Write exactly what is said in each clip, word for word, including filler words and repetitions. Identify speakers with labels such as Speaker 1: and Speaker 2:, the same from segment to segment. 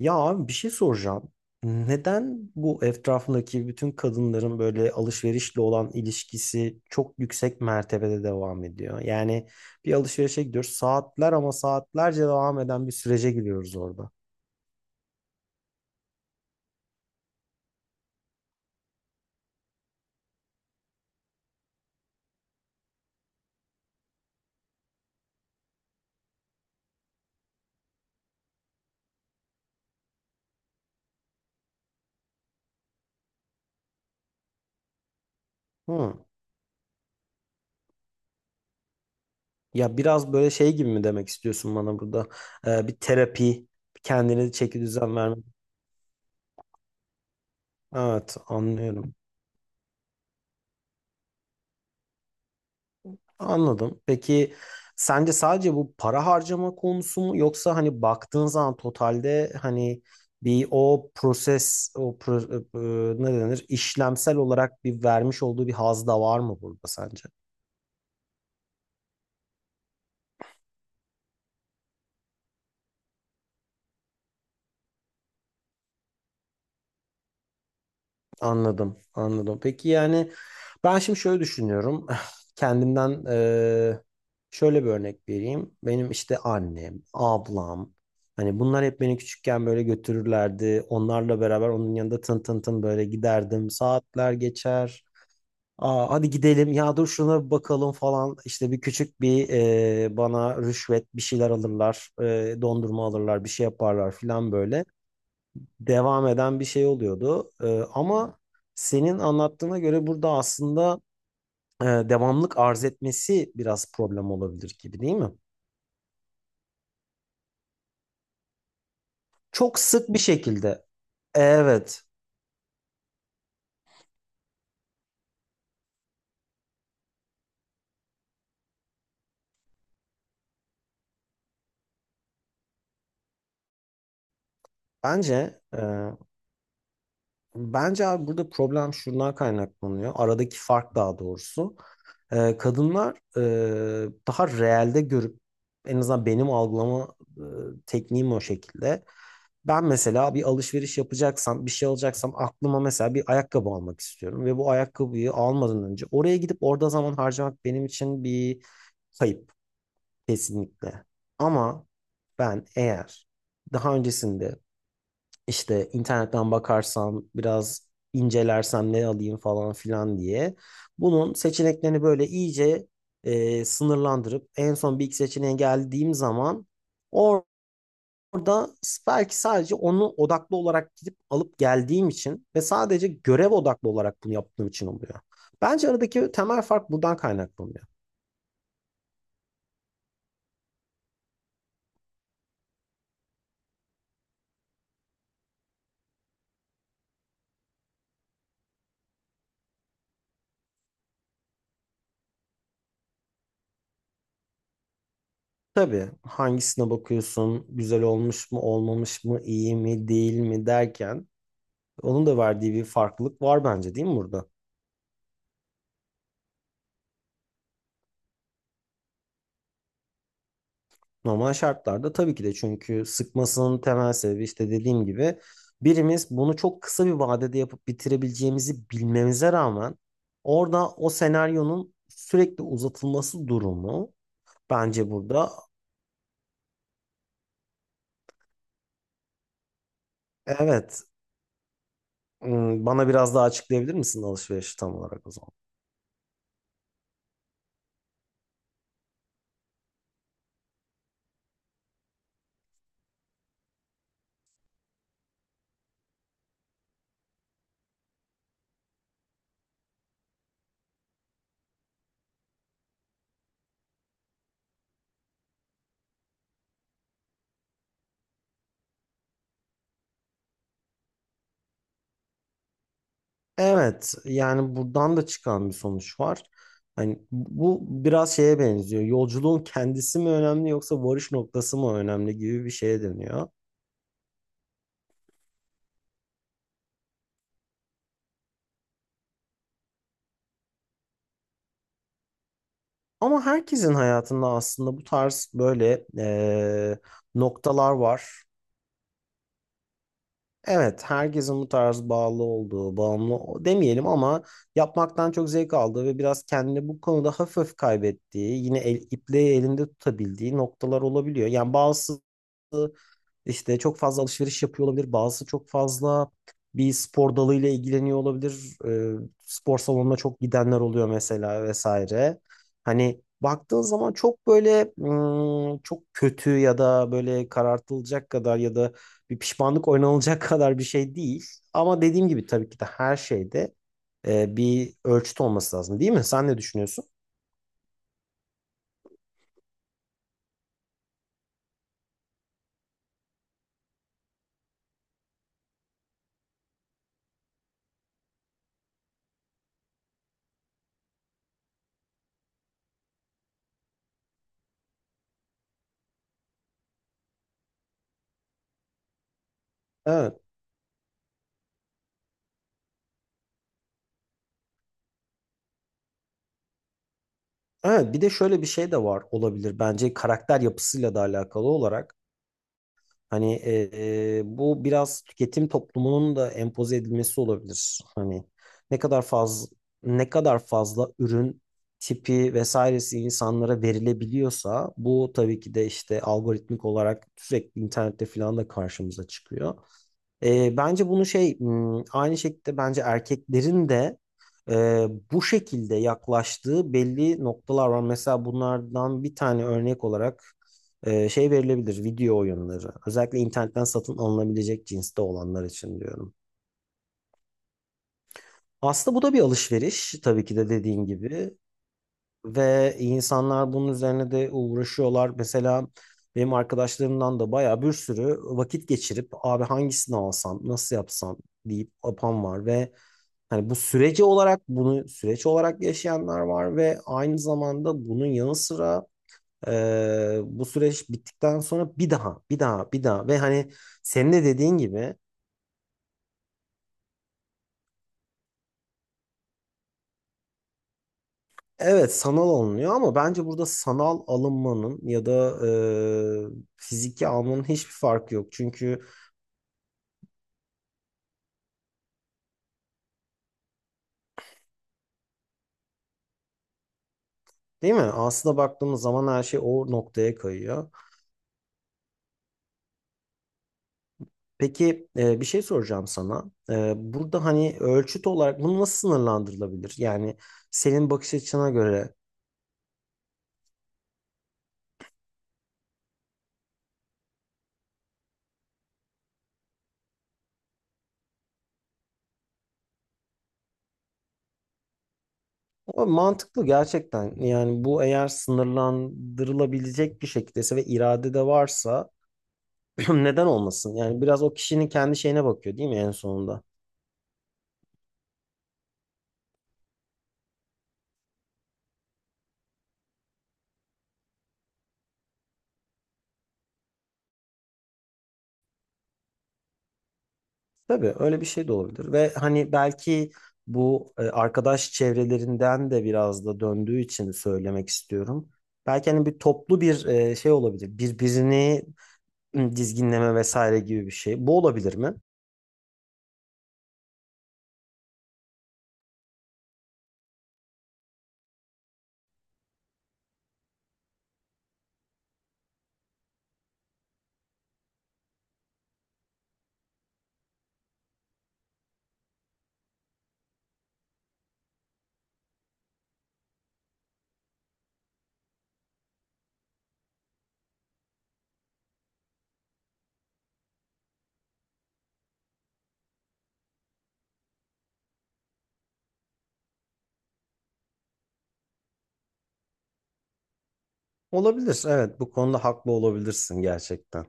Speaker 1: Ya abi bir şey soracağım. Neden bu etrafındaki bütün kadınların böyle alışverişle olan ilişkisi çok yüksek mertebede devam ediyor? Yani bir alışverişe gidiyoruz saatler ama saatlerce devam eden bir sürece giriyoruz orada. Hmm. Ya biraz böyle şey gibi mi demek istiyorsun bana burada? Ee, bir terapi, kendine çeki düzen vermek. Evet, anlıyorum. Anladım. Peki sence sadece bu para harcama konusu mu yoksa hani baktığın zaman totalde hani bir o proses o pro- e, e, ne denir işlemsel olarak bir vermiş olduğu bir haz da var mı burada sence? Anladım, anladım. Peki yani ben şimdi şöyle düşünüyorum. Kendimden eee, şöyle bir örnek vereyim. Benim işte annem, ablam, hani bunlar hep beni küçükken böyle götürürlerdi. Onlarla beraber onun yanında tın tın tın böyle giderdim. Saatler geçer. Aa, hadi gidelim ya, dur şuna bir bakalım falan. İşte bir küçük bir eee, bana rüşvet bir şeyler alırlar. Eee, dondurma alırlar, bir şey yaparlar falan, böyle devam eden bir şey oluyordu. Ee, ama senin anlattığına göre burada aslında e, devamlık arz etmesi biraz problem olabilir gibi, değil mi? Çok sık bir şekilde. Evet. Bence e, bence abi burada problem şundan kaynaklanıyor. Aradaki fark daha doğrusu. E, kadınlar e, daha realde görüp, en azından benim algılama e, tekniğim o şekilde. Ben mesela bir alışveriş yapacaksam, bir şey alacaksam aklıma mesela bir ayakkabı almak istiyorum ve bu ayakkabıyı almadan önce oraya gidip orada zaman harcamak benim için bir kayıp kesinlikle. Ama ben eğer daha öncesinde işte internetten bakarsam, biraz incelersem ne alayım falan filan diye bunun seçeneklerini böyle iyice e, sınırlandırıp en son bir iki seçeneğe geldiğim zaman, orada belki sadece onu odaklı olarak gidip alıp geldiğim için ve sadece görev odaklı olarak bunu yaptığım için oluyor. Bence aradaki temel fark buradan kaynaklanıyor. Tabii hangisine bakıyorsun, güzel olmuş mu, olmamış mı, iyi mi, değil mi derken onun da verdiği bir farklılık var bence, değil mi burada? Normal şartlarda tabii ki de, çünkü sıkmasının temel sebebi işte dediğim gibi birimiz bunu çok kısa bir vadede yapıp bitirebileceğimizi bilmemize rağmen orada o senaryonun sürekli uzatılması durumu bence burada. Evet. Hmm, bana biraz daha açıklayabilir misin alışverişi tam olarak o zaman? Evet, yani buradan da çıkan bir sonuç var. Hani bu biraz şeye benziyor. Yolculuğun kendisi mi önemli yoksa varış noktası mı önemli gibi bir şeye dönüyor. Ama herkesin hayatında aslında bu tarz böyle eee, noktalar var. Evet, herkesin bu tarz bağlı olduğu, bağımlı o- demeyelim ama yapmaktan çok zevk aldığı ve biraz kendini bu konuda hafif hafif kaybettiği, yine el, ipliği elinde tutabildiği noktalar olabiliyor. Yani bazısı işte çok fazla alışveriş yapıyor olabilir. Bazısı çok fazla bir spor dalıyla ilgileniyor olabilir. Ee, spor salonuna çok gidenler oluyor mesela vesaire. Hani baktığın zaman çok böyle ım, çok kötü ya da böyle karartılacak kadar ya da bir pişmanlık oynanılacak kadar bir şey değil. Ama dediğim gibi tabii ki de her şeyde e, bir ölçüt olması lazım, değil mi? Sen ne düşünüyorsun? Evet. Evet, bir de şöyle bir şey de var olabilir bence, karakter yapısıyla da alakalı olarak. Hani e, bu biraz tüketim toplumunun da empoze edilmesi olabilir. Hani ne kadar fazla, ne kadar fazla ürün tipi vesairesi insanlara verilebiliyorsa bu tabii ki de işte algoritmik olarak sürekli internette falan da karşımıza çıkıyor. E, bence bunu şey m, aynı şekilde bence erkeklerin de e, bu şekilde yaklaştığı belli noktalar var. Mesela bunlardan bir tane örnek olarak e, şey verilebilir, video oyunları. Özellikle internetten satın alınabilecek cinste olanlar için diyorum. Aslında bu da bir alışveriş tabii ki de, dediğin gibi, ve insanlar bunun üzerine de uğraşıyorlar. Mesela benim arkadaşlarımdan da bayağı bir sürü vakit geçirip abi hangisini alsam, nasıl yapsam deyip apan var ve hani bu süreci olarak bunu süreç olarak yaşayanlar var ve aynı zamanda bunun yanı sıra e, bu süreç bittikten sonra bir daha bir daha bir daha, ve hani senin de dediğin gibi, evet sanal alınıyor ama bence burada sanal alınmanın ya da e, fiziki almanın hiçbir farkı yok. Çünkü, değil mi? Aslında baktığımız zaman her şey o noktaya kayıyor. Peki e, bir şey soracağım sana. E, burada hani ölçüt olarak bunu nasıl sınırlandırılabilir? Yani senin bakış açına göre. O mantıklı gerçekten. Yani bu eğer sınırlandırılabilecek bir şekildeyse ve irade de varsa neden olmasın? Yani biraz o kişinin kendi şeyine bakıyor değil mi en sonunda? Tabii öyle bir şey de olabilir. Ve hani belki bu e, arkadaş çevrelerinden de biraz da döndüğü için söylemek istiyorum. Belki hani bir toplu bir e, şey olabilir. Birbirini dizginleme vesaire gibi bir şey. Bu olabilir mi? Olabilir. Evet, bu konuda haklı olabilirsin gerçekten.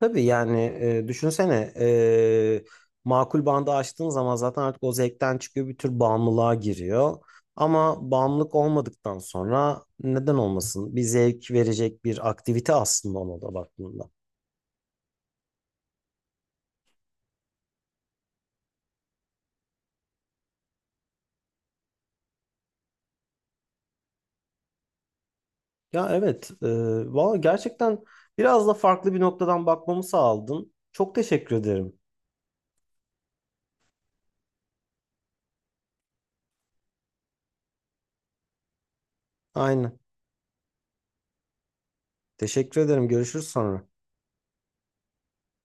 Speaker 1: Tabii yani e, düşünsene e, makul bandı açtığın zaman zaten artık o zevkten çıkıyor, bir tür bağımlılığa giriyor. Ama bağımlılık olmadıktan sonra neden olmasın? Bir zevk verecek bir aktivite aslında ona da baktığında. Ya evet, e, valla gerçekten biraz da farklı bir noktadan bakmamı sağladın. Çok teşekkür ederim. Aynen. Teşekkür ederim. Görüşürüz sonra.